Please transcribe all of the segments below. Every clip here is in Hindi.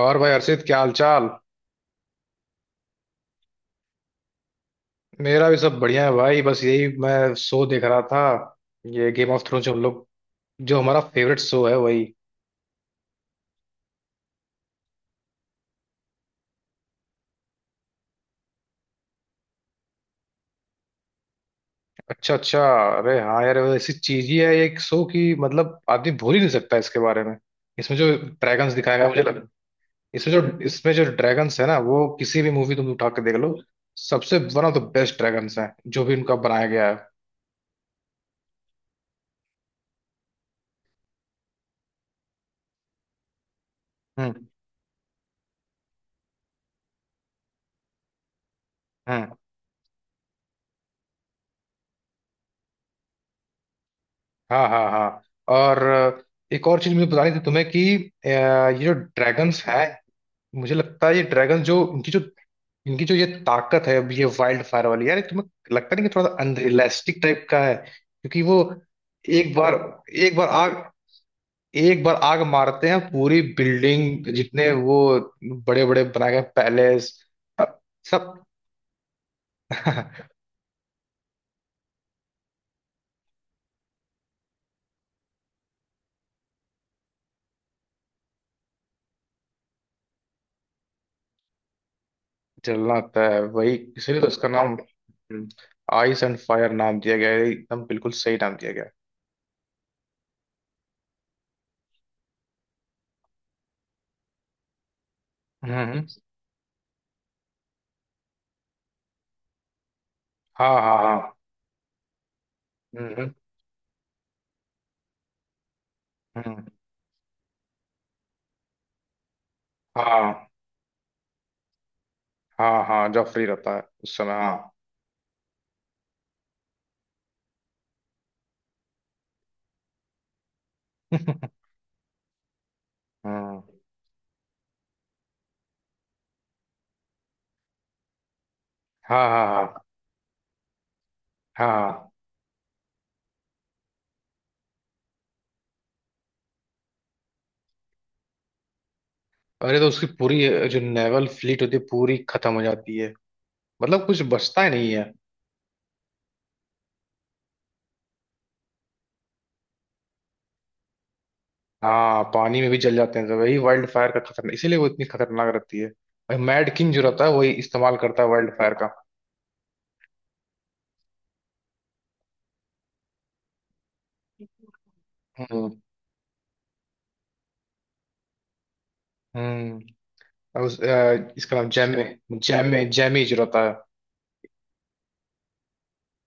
और भाई हर्षित, क्या हाल चाल। मेरा भी सब बढ़िया है भाई, बस यही मैं शो देख रहा था। ये गेम ऑफ थ्रोन्स हम लोग, जो हमारा फेवरेट शो है, वही। अच्छा अच्छा। अरे हाँ यार, वो ऐसी चीज ही है एक शो की, मतलब आदमी भूल ही नहीं सकता इसके बारे में। इसमें जो ड्रैगन्स दिखाया गया मुझे लग। इसमें जो ड्रैगन्स है ना, वो किसी भी मूवी तुम उठा के देख लो, सबसे one of the best dragons हैं जो भी उनका बनाया गया है। हम्म हम्म। हाँ हाँ हाँ। और एक और चीज मुझे बतानी थी तुम्हें कि ये जो ड्रैगन्स हैं, मुझे लगता है ये ड्रैगन जो इनकी जो ये ताकत है, अब ये वाइल्ड फायर वाली, यार तुम्हें लगता नहीं कि थोड़ा सा अनरियलिस्टिक टाइप का है, क्योंकि वो एक बार एक बार आग एक बार आग मारते हैं पूरी बिल्डिंग जितने वो बड़े बड़े बनाए गए पैलेस सब। जलना होता है वही, इसीलिए तो उसका नाम आइस एंड फायर नाम दिया गया है, एकदम बिल्कुल सही नाम दिया गया है। हम्म। हाँ हाँ हाँ। हम्म हम्म। हाँ हाँ हाँ, जब फ्री रहता है उस समय, हाँ। हम्म। हाँ हाँ हाँ हाँ। अरे तो उसकी पूरी जो नेवल फ्लीट होती है पूरी खत्म हो जाती है, मतलब कुछ बचता ही नहीं है। हाँ, पानी में भी जल जाते हैं सब, वही वाइल्ड फायर का खतरनाक इसीलिए वो इतनी खतरनाक रहती है। और मैड किंग जो रहता है वही इस्तेमाल करता है वाइल्ड फायर का। हम्म हम्म। और इसका नाम जैमे जैमे जैमी जो रहता है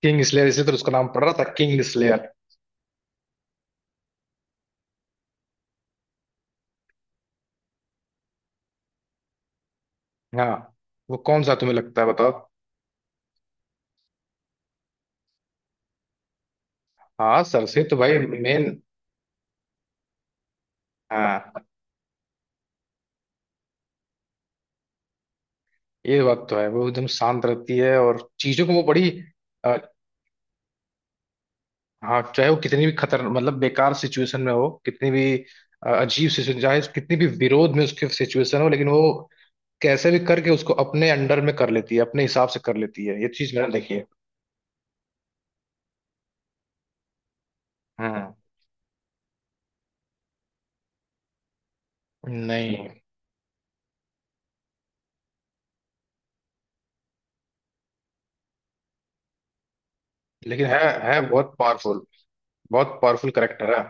किंग स्लेयर, इसलिए तो उसका नाम पड़ रहा था किंग स्लेयर। हाँ। वो कौन सा तुम्हें लगता है बताओ। हाँ, सरसे तो भाई मेन। हाँ, ये बात तो है, वो एकदम शांत रहती है और चीजों को वो बड़ी अ, हाँ, चाहे वो कितनी भी खतर मतलब बेकार सिचुएशन में हो, कितनी भी अजीब सिचुएशन, चाहे कितनी भी विरोध में उसकी सिचुएशन हो लेकिन वो कैसे भी करके उसको अपने अंडर में कर लेती है, अपने हिसाब से कर लेती है, ये चीज मैंने देखी है। हम्म। नहीं। लेकिन है बहुत पावरफुल, बहुत पावरफुल करेक्टर है।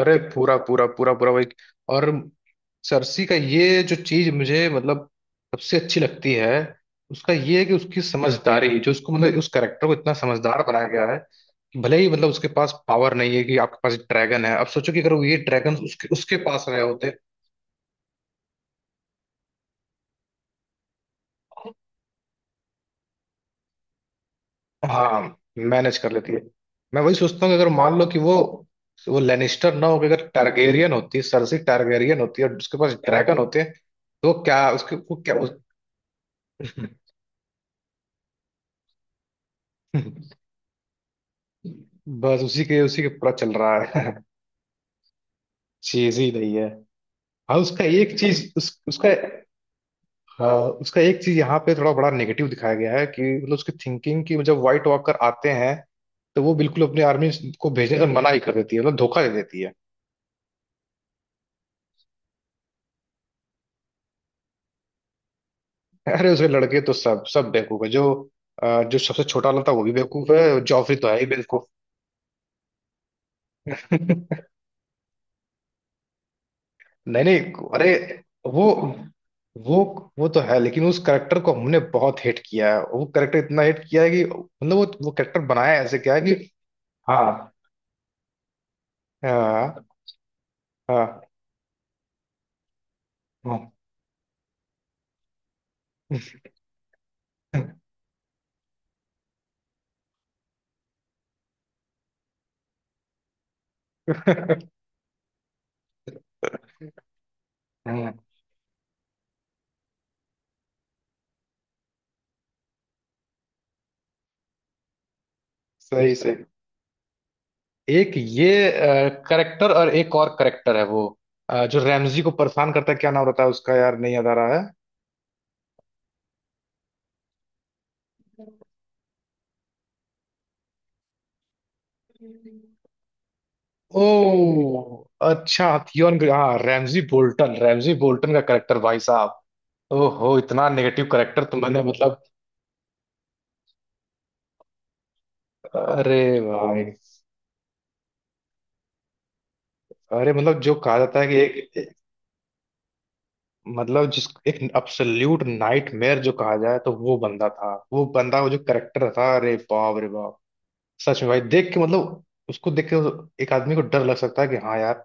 अरे पूरा पूरा पूरा पूरा भाई। और सरसी का ये जो चीज मुझे मतलब सबसे अच्छी लगती है, उसका ये है कि उसकी समझदारी, जो उसको मतलब उस करेक्टर को इतना समझदार बनाया गया है कि भले ही मतलब उसके पास पावर नहीं है कि आपके पास ड्रैगन है, अब सोचो कि अगर वो ये ड्रैगन उसके उसके पास रहे होते। हाँ, मैनेज कर लेती है। मैं वही सोचता हूँ कि अगर मान लो कि वो लेनिस्टर ना होकर अगर टारगेरियन होती, सरसी टारगेरियन होती और उसके पास ड्रैगन होते, तो क्या उसके, वो क्या उस... बस उसी के पूरा चल रहा है। चीज ही नहीं है। हाँ, उसका एक चीज उसका, हाँ उसका एक चीज यहाँ पे थोड़ा बड़ा नेगेटिव दिखाया गया है कि मतलब उसकी थिंकिंग, कि जब व्हाइट वॉकर आते हैं तो वो बिल्कुल अपनी आर्मी को भेजने का मना ही कर देती है, मतलब धोखा दे देती है। अरे उसके लड़के तो सब सब बेवकूफ है, जो जो सबसे छोटा वाला था वो भी बेवकूफ है, जॉफरी तो है ही बेवकूफ। नहीं नहीं, अरे वो वो वो तो है, लेकिन उस करेक्टर को हमने बहुत हिट किया है, वो करेक्टर इतना हिट किया है कि मतलब वो करेक्टर बनाया ऐसे, क्या है कि हाँ हाँ हाँ हाँ। हम्म। सही सही। एक ये करेक्टर और एक और करेक्टर है वो जो रैमजी को परेशान करता है, क्या नाम रहता है उसका यार, नहीं याद आ रहा है। ओ अच्छा, थियोन हाँ, रैमजी बोल्टन, रैमजी बोल्टन का करेक्टर भाई, ओहो इतना नेगेटिव करेक्टर तुमने मतलब। अरे भाई, अरे मतलब जो कहा जाता है कि एक एक-, मतलब जिस एक अब्सोल्यूट नाइटमेयर जो कहा जाए तो वो बंदा था, वो बंदा वो जो करेक्टर था, अरे बाप रे बाप। सच में भाई देख के मतलब उसको देख के एक आदमी को डर लग सकता है, कि हाँ यार।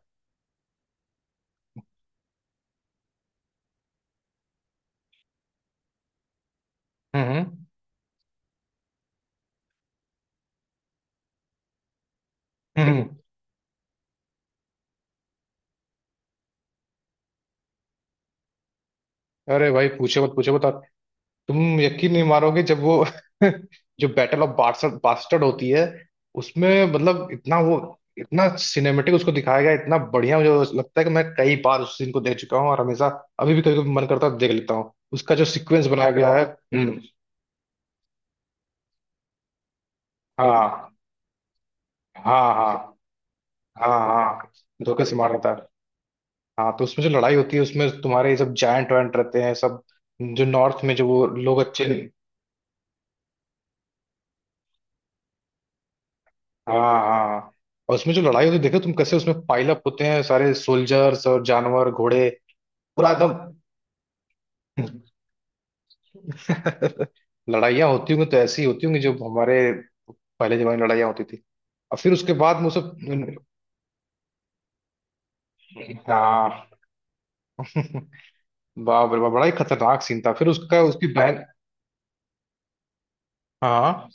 हम्म हम्म हम्म। अरे भाई पूछो मत पूछो मत, तुम यकीन नहीं मारोगे जब वो जो बैटल ऑफ बास्टर्ड बास्टर्ड होती है उसमें, मतलब इतना सिनेमेटिक उसको दिखाया गया है, इतना बढ़िया। मुझे लगता है कि मैं कई बार उस सीन को देख चुका हूँ और हमेशा अभी भी कभी कभी मन करता है तो देख लेता हूँ उसका जो सीक्वेंस बनाया गया है। हम्म। हाँ हाँ हाँ हाँ हाँ। धोखे से मार रहा था। हाँ, तो उसमें जो लड़ाई होती है उसमें तुम्हारे ये सब जायंट वायंट रहते हैं सब, जो नॉर्थ में, जो वो लोग अच्छे। हाँ हाँ। और उसमें जो लड़ाई होती है देखो तुम, कैसे उसमें पाइल अप होते हैं सारे सोल्जर्स और जानवर घोड़े, पूरा एकदम। लड़ाइयाँ होती होंगी तो ऐसी होती होंगी, जो हमारे पहले जमाने में लड़ाइयाँ होती थी, और फिर उसके बाद में वो सब। हाँ। बाप रे बाप बड़ा ही खतरनाक सीन था, फिर उसका उसकी बहन। हाँ,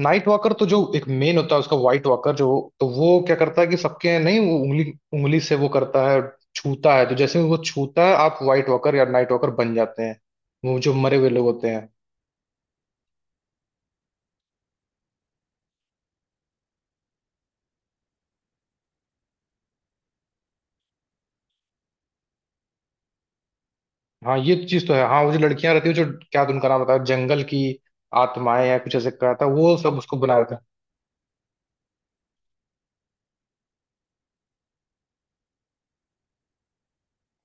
नाइट वॉकर तो जो एक मेन होता है उसका व्हाइट वॉकर जो, तो वो क्या करता है कि सबके नहीं, वो उंगली उंगली से वो करता है, छूता है, तो जैसे ही वो छूता है आप व्हाइट वॉकर या नाइट वॉकर बन जाते हैं, वो जो मरे हुए लोग होते हैं। हाँ, ये चीज तो है, हाँ वो जो लड़कियां रहती है जो, क्या तो उनका नाम बताया जंगल की आत्माएं या कुछ ऐसे कहा था, वो सब उसको बना।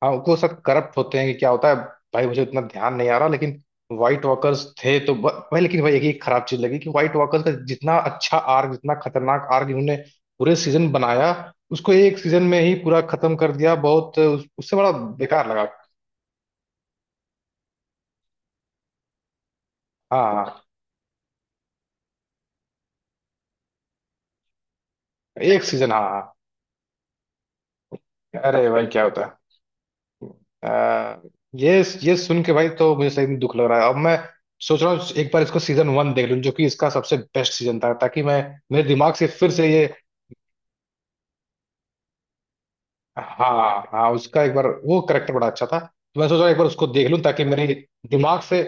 हाँ, वो सब करप्ट होते हैं कि क्या होता है, भाई मुझे उतना ध्यान नहीं आ रहा लेकिन व्हाइट वॉकर्स थे तो भाई, लेकिन भाई एक ही खराब चीज लगी कि व्हाइट वॉकर्स का जितना अच्छा आर्क, जितना खतरनाक आर्क इन्होंने पूरे सीजन बनाया, उसको एक सीजन में ही पूरा खत्म कर दिया, बहुत उससे बड़ा बेकार लगा। हाँ हाँ, एक सीजन, हाँ हाँ। हाँ। अरे भाई क्या होता है, आ, ये ये सुन के भाई तो मुझे सही में दुख लग रहा है, अब मैं सोच रहा हूँ एक बार इसको सीजन 1 देख लूँ जो कि इसका सबसे बेस्ट सीजन था, ताकि मैं मेरे दिमाग से फिर से ये, हाँ हाँ उसका एक बार वो करेक्टर बड़ा अच्छा था, तो मैं सोचा एक बार उसको देख लूं ताकि दिमाग से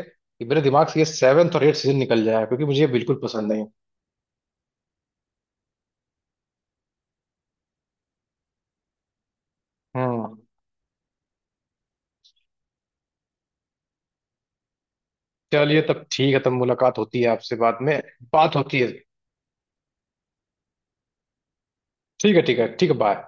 मेरे दिमाग से ये सेवेंथ और एट सीजन निकल जाए, क्योंकि मुझे ये बिल्कुल पसंद नहीं। हम्म। चलिए तब ठीक है, तब मुलाकात होती है आपसे बाद में, बात होती है, ठीक है ठीक है ठीक है, बाय।